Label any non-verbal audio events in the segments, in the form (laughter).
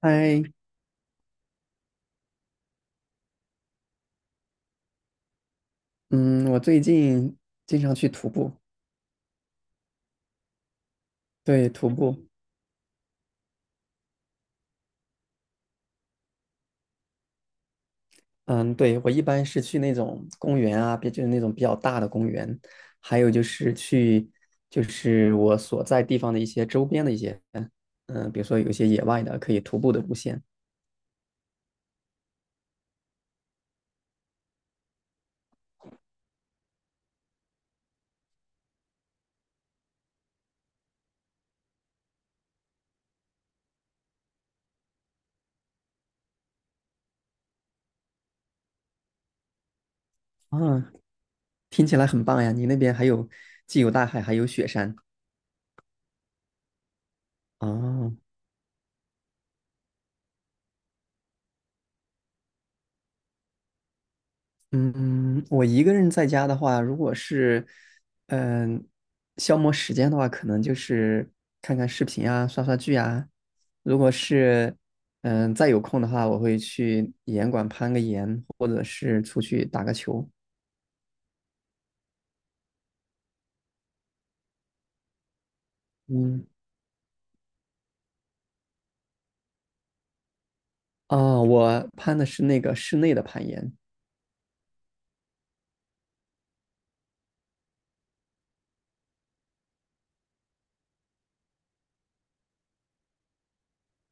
嗨，嗯，我最近经常去徒步。对，徒步。嗯，对，我一般是去那种公园啊，别就是那种比较大的公园，还有就是去就是我所在地方的一些周边的一些，比如说有一些野外的可以徒步的路线啊。听起来很棒呀，你那边还有既有大海还有雪山啊。嗯，我一个人在家的话，如果是嗯消磨时间的话，可能就是看看视频啊，刷刷剧啊。如果是再有空的话，我会去岩馆攀个岩，或者是出去打个球。嗯。啊，我攀的是那个室内的攀岩。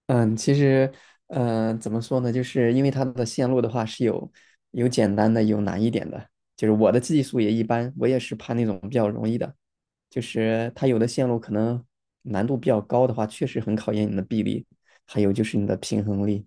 嗯，其实，怎么说呢？就是因为它的线路的话是有简单的，有难一点的。就是我的技术也一般，我也是爬那种比较容易的。就是它有的线路可能难度比较高的话，确实很考验你的臂力，还有就是你的平衡力。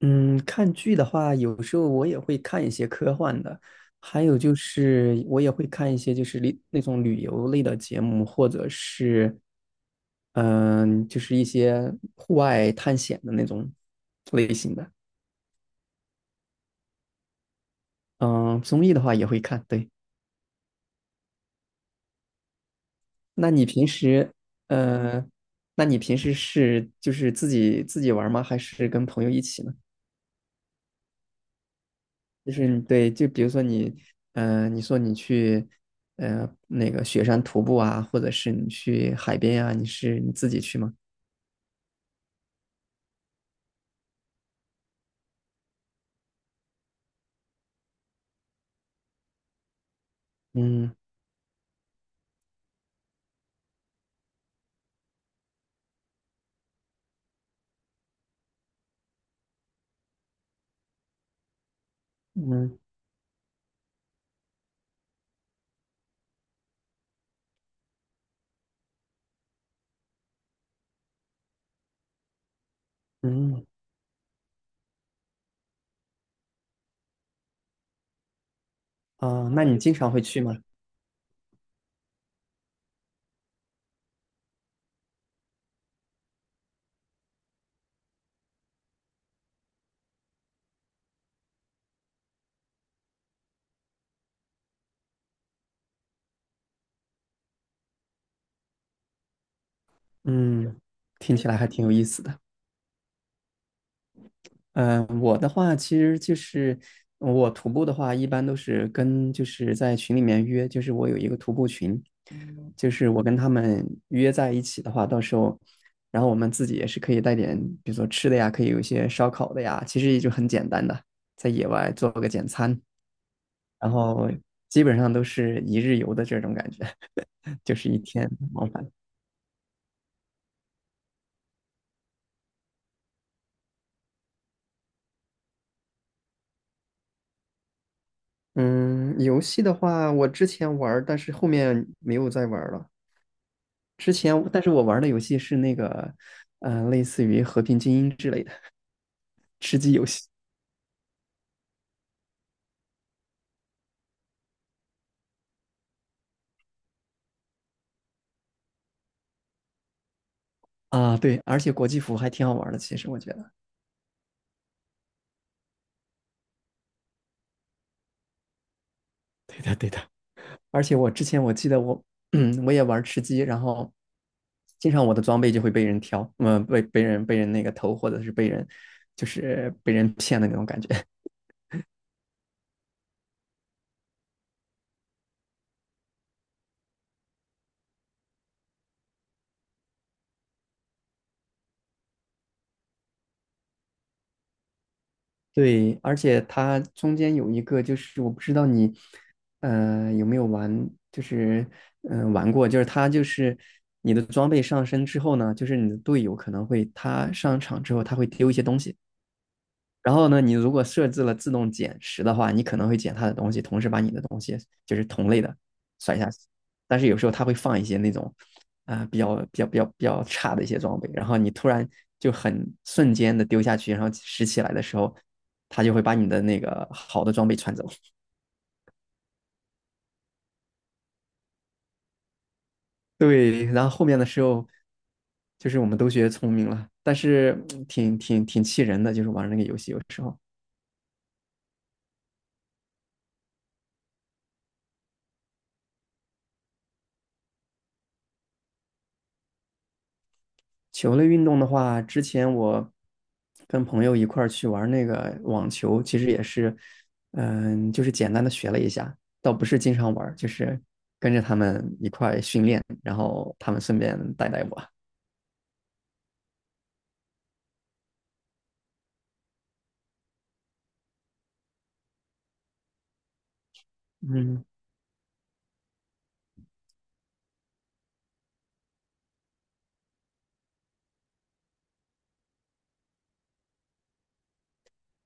嗯，看剧的话，有时候我也会看一些科幻的，还有就是我也会看一些就是那种旅游类的节目，或者是就是一些户外探险的那种类型的。嗯、综艺的话也会看。对，那你平时呃，那你平时是就是自己玩儿吗？还是跟朋友一起呢？就是你对，就比如说你，你说你去，那个雪山徒步啊，或者是你去海边啊，你是你自己去吗？嗯嗯嗯。啊，那你经常会去吗？嗯，听起来还挺有意思的。嗯，我的话其实就是我徒步的话，一般都是跟就是在群里面约，就是我有一个徒步群，就是我跟他们约在一起的话，到时候，然后我们自己也是可以带点，比如说吃的呀，可以有一些烧烤的呀，其实也就很简单的，在野外做个简餐，然后基本上都是一日游的这种感觉，(laughs) 就是一天往返。嗯，游戏的话，我之前玩儿，但是后面没有再玩儿了。之前，但是我玩的游戏是那个，类似于《和平精英》之类的吃鸡游戏啊。对，而且国际服还挺好玩的，其实我觉得。对的，对的。而且我之前我记得我，(clears throat) 我也玩吃鸡，然后经常我的装备就会被人挑，被人那个偷，或者是就是被人骗的那种感觉。对，而且它中间有一个，就是我不知道你，有没有玩，就是玩过，就是它就是你的装备上升之后呢，就是你的队友可能会他上场之后他会丢一些东西，然后呢，你如果设置了自动捡拾的话，你可能会捡他的东西，同时把你的东西就是同类的甩下去。但是有时候他会放一些那种比较差的一些装备，然后你突然就很瞬间的丢下去，然后拾起来的时候，他就会把你的那个好的装备穿走。(laughs) 对，然后后面的时候就是我们都学聪明了，但是 (tsk) 挺气人的，就是玩那个游戏有时候。球类运动的话，之前我跟朋友一块儿去玩那个网球，其实也是，就是简单的学了一下，倒不是经常玩就是跟着他们一块儿训练，然后他们顺便带带我。嗯。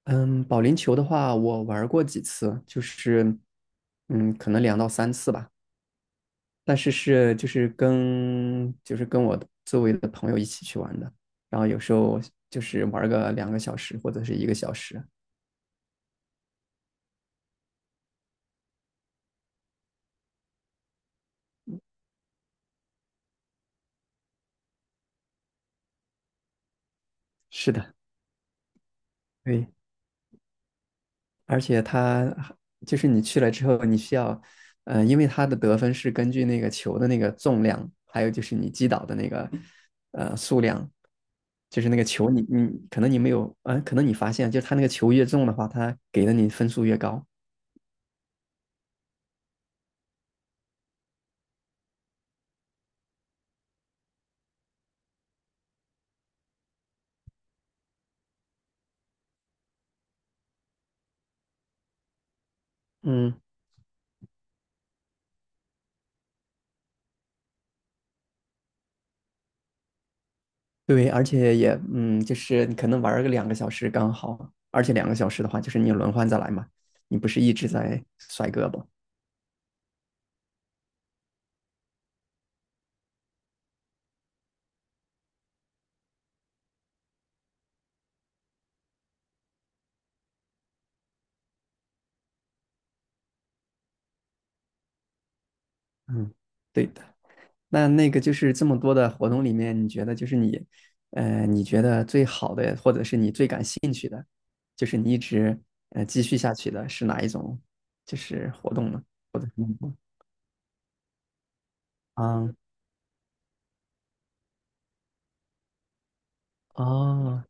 嗯，保龄球的话，我玩过几次，就是可能两到三次吧，但是是就是跟我周围的朋友一起去玩的，然后有时候就是玩个两个小时或者是1个小时。是的。对，而且它还就是你去了之后，你需要，因为它的得分是根据那个球的那个重量，还有就是你击倒的那个，数量，就是那个球你可能你没有，可能你发现就是它那个球越重的话，它给的你分数越高。嗯，对，而且也就是你可能玩儿个两个小时刚好，而且两个小时的话，就是你轮换着来嘛，你不是一直在甩胳膊。嗯，对的。那那个就是这么多的活动里面，你觉得就是你，你觉得最好的，或者是你最感兴趣的，就是你一直继续下去的是哪一种，就是活动呢？或者是运动？啊。哦。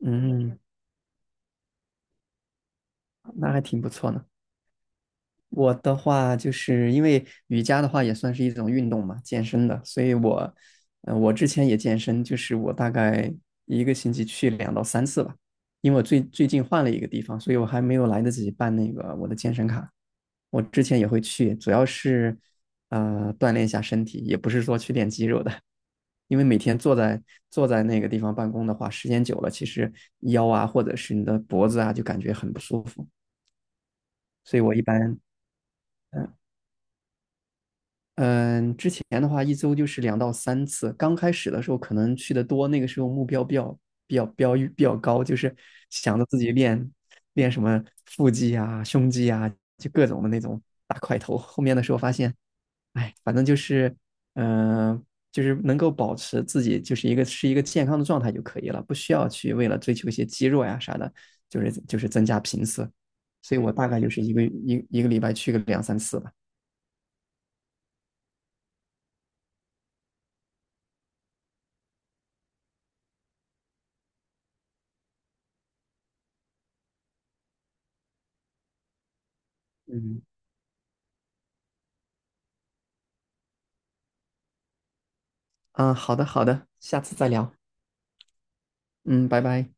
嗯，那还挺不错呢。我的话，就是因为瑜伽的话也算是一种运动嘛，健身的，所以我，我之前也健身，就是我大概1个星期去两到三次吧，因为我最近换了一个地方，所以我还没有来得及办那个我的健身卡。我之前也会去，主要是，锻炼一下身体，也不是说去练肌肉的，因为每天坐在那个地方办公的话，时间久了，其实腰啊或者是你的脖子啊就感觉很不舒服，所以我一般。嗯，之前的话1周就是两到三次。刚开始的时候可能去的多，那个时候目标比较高，就是想着自己练什么腹肌啊、胸肌啊，就各种的那种大块头。后面的时候发现，哎，反正就是，嗯、呃就是能够保持自己就是一个是一个健康的状态就可以了，不需要去为了追求一些肌肉呀啥的，就是增加频次。所以我大概就是一个礼拜去个两三次吧。嗯。嗯，好的，好的，下次再聊。嗯，拜拜。